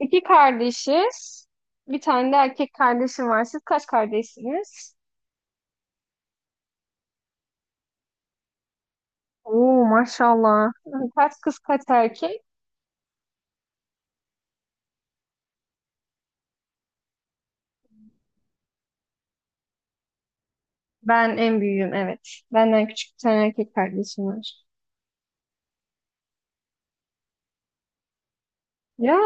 İki kardeşiz. Bir tane de erkek kardeşim var. Siz kaç kardeşsiniz? Oo, maşallah. Kaç kız, kaç erkek? Ben en büyüğüm, evet. Benden küçük bir tane erkek kardeşim var. Ya,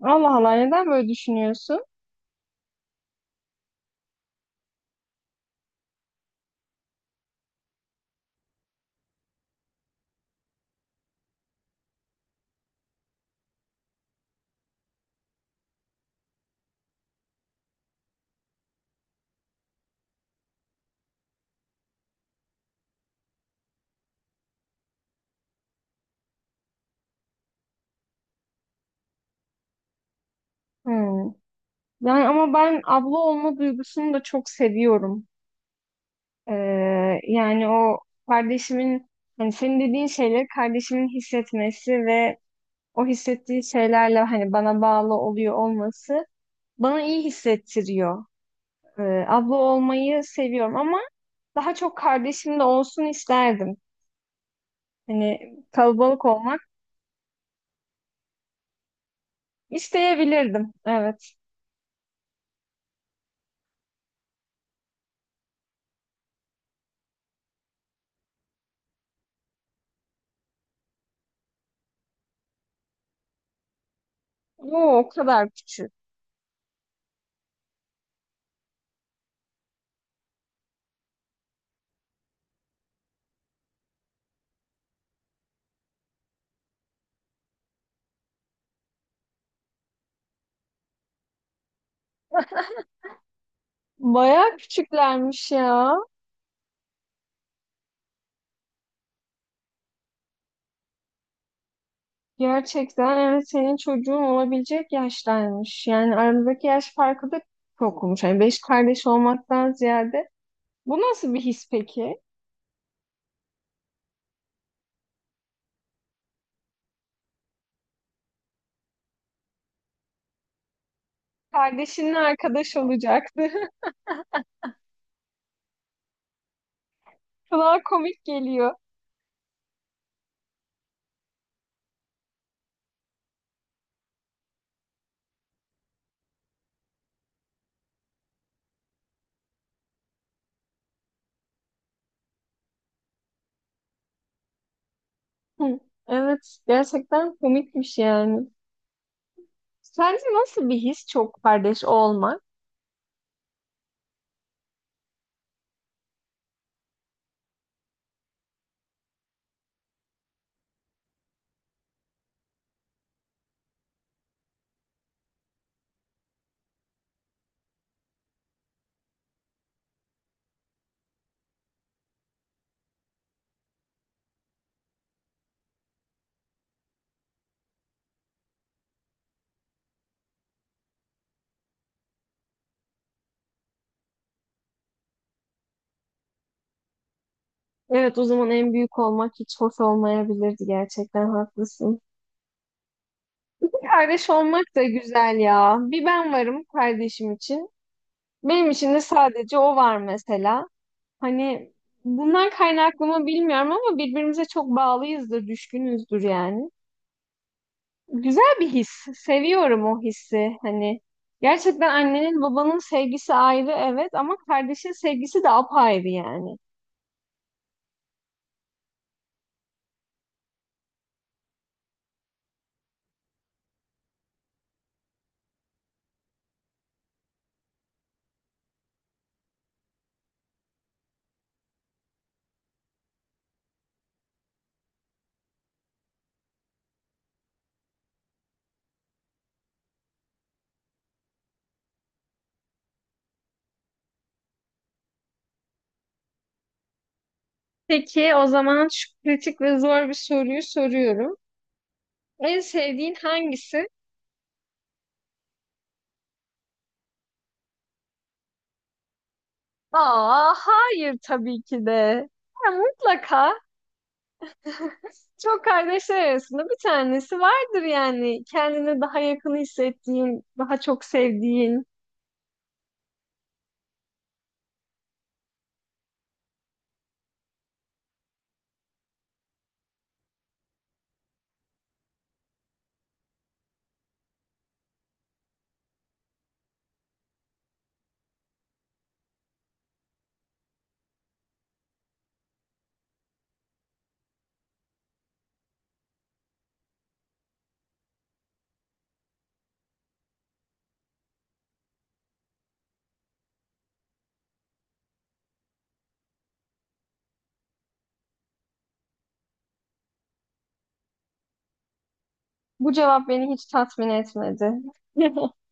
Allah Allah, neden böyle düşünüyorsun? Hmm. Yani ama ben abla olma duygusunu da çok seviyorum. Ee, Yani o kardeşimin, hani senin dediğin şeyleri kardeşimin hissetmesi ve o hissettiği şeylerle hani bana bağlı oluyor olması bana iyi hissettiriyor. Abla olmayı seviyorum ama daha çok kardeşim de olsun isterdim. Hani kalabalık olmak isteyebilirdim. Evet. Oo, o kadar küçük. Bayağı küçüklermiş ya. Gerçekten evet, senin çocuğun olabilecek yaştaymış. Yani aramızdaki yaş farkı da çok olmuş. Yani beş kardeş olmaktan ziyade. Bu nasıl bir his peki? Kardeşinle arkadaş olacaktı. Kulağa komik geliyor. Hı, evet, gerçekten komikmiş yani. Sence nasıl bir his çok kardeş olmak? Evet, o zaman en büyük olmak hiç hoş olmayabilirdi, gerçekten haklısın. Kardeş olmak da güzel ya. Bir ben varım kardeşim için. Benim için de sadece o var mesela. Hani bundan kaynaklı mı bilmiyorum ama birbirimize çok bağlıyızdır, düşkünüzdür yani. Güzel bir his. Seviyorum o hissi. Hani gerçekten annenin babanın sevgisi ayrı evet ama kardeşin sevgisi de apayrı yani. Peki o zaman şu kritik ve zor bir soruyu soruyorum. En sevdiğin hangisi? Aa, hayır tabii ki de. Ya, mutlaka. Çok kardeşler arasında bir tanesi vardır yani. Kendini daha yakın hissettiğin, daha çok sevdiğin. Bu cevap beni hiç tatmin etmedi.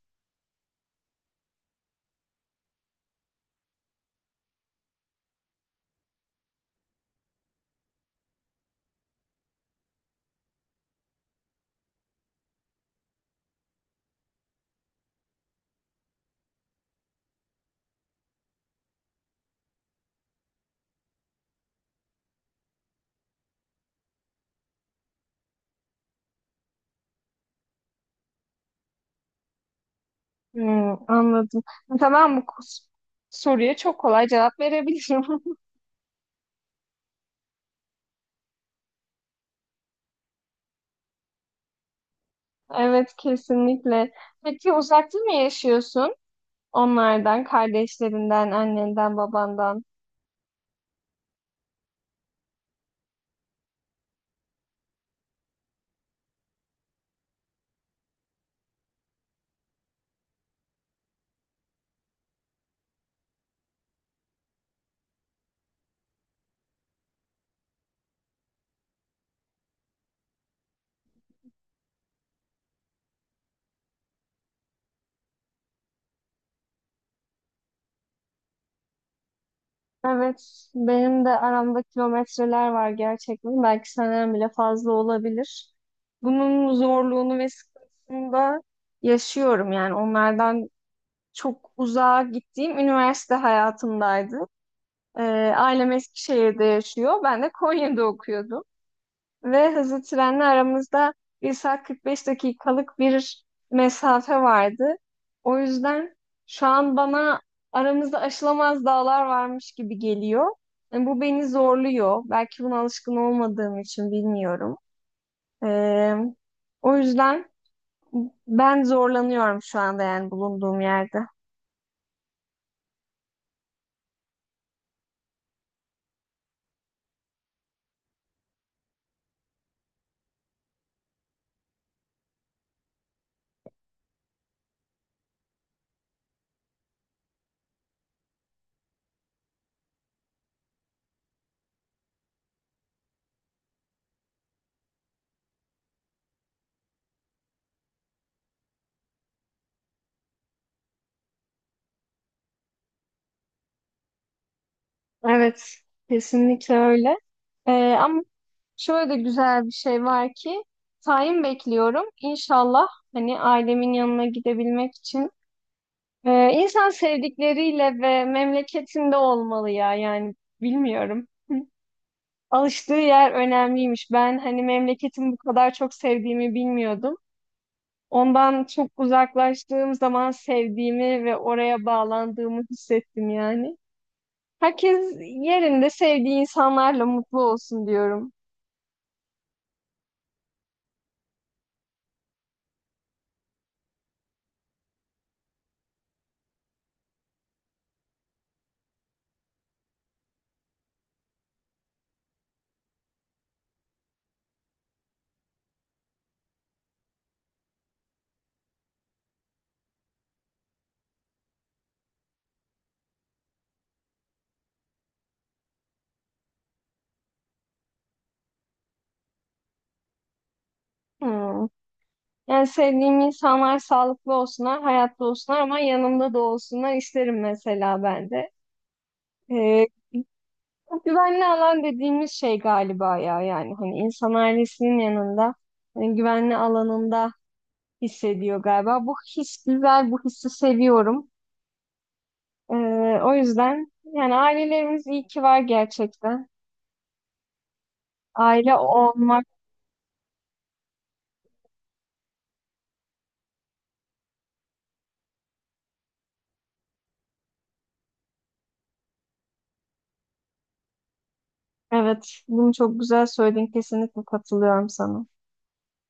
Hmm, anladım. Tamam, soruya çok kolay cevap verebilirim. Evet, kesinlikle. Peki uzakta mı yaşıyorsun? Onlardan, kardeşlerinden, annenden, babandan. Evet, benim de aramda kilometreler var gerçekten. Belki senden bile fazla olabilir. Bunun zorluğunu ve sıkıntısını da yaşıyorum. Yani onlardan çok uzağa gittiğim üniversite hayatımdaydı. Ee, Ailem Eskişehir'de yaşıyor. Ben de Konya'da okuyordum. Ve hızlı trenle aramızda bir saat 45 dakikalık bir mesafe vardı. O yüzden şu an bana aramızda aşılamaz dağlar varmış gibi geliyor. Yani bu beni zorluyor. Belki buna alışkın olmadığım için bilmiyorum. Ee, O yüzden ben zorlanıyorum şu anda yani bulunduğum yerde. Evet, kesinlikle öyle. Ama şöyle de güzel bir şey var ki tayin bekliyorum. İnşallah hani ailemin yanına gidebilmek için. İnsan sevdikleriyle ve memleketinde olmalı ya yani bilmiyorum. Hı. Alıştığı yer önemliymiş. Ben hani memleketimi bu kadar çok sevdiğimi bilmiyordum. Ondan çok uzaklaştığım zaman sevdiğimi ve oraya bağlandığımı hissettim yani. Herkes yerinde sevdiği insanlarla mutlu olsun diyorum. Hmm. Yani sevdiğim insanlar sağlıklı olsunlar, hayatta olsunlar ama yanımda da olsunlar isterim mesela ben de. Ee, Güvenli alan dediğimiz şey galiba ya, yani hani insan ailesinin yanında hani güvenli alanında hissediyor galiba. Bu his güzel, bu hissi seviyorum. Ee, O yüzden yani ailelerimiz iyi ki var gerçekten. Aile olmak. Evet, bunu çok güzel söyledin. Kesinlikle katılıyorum sana.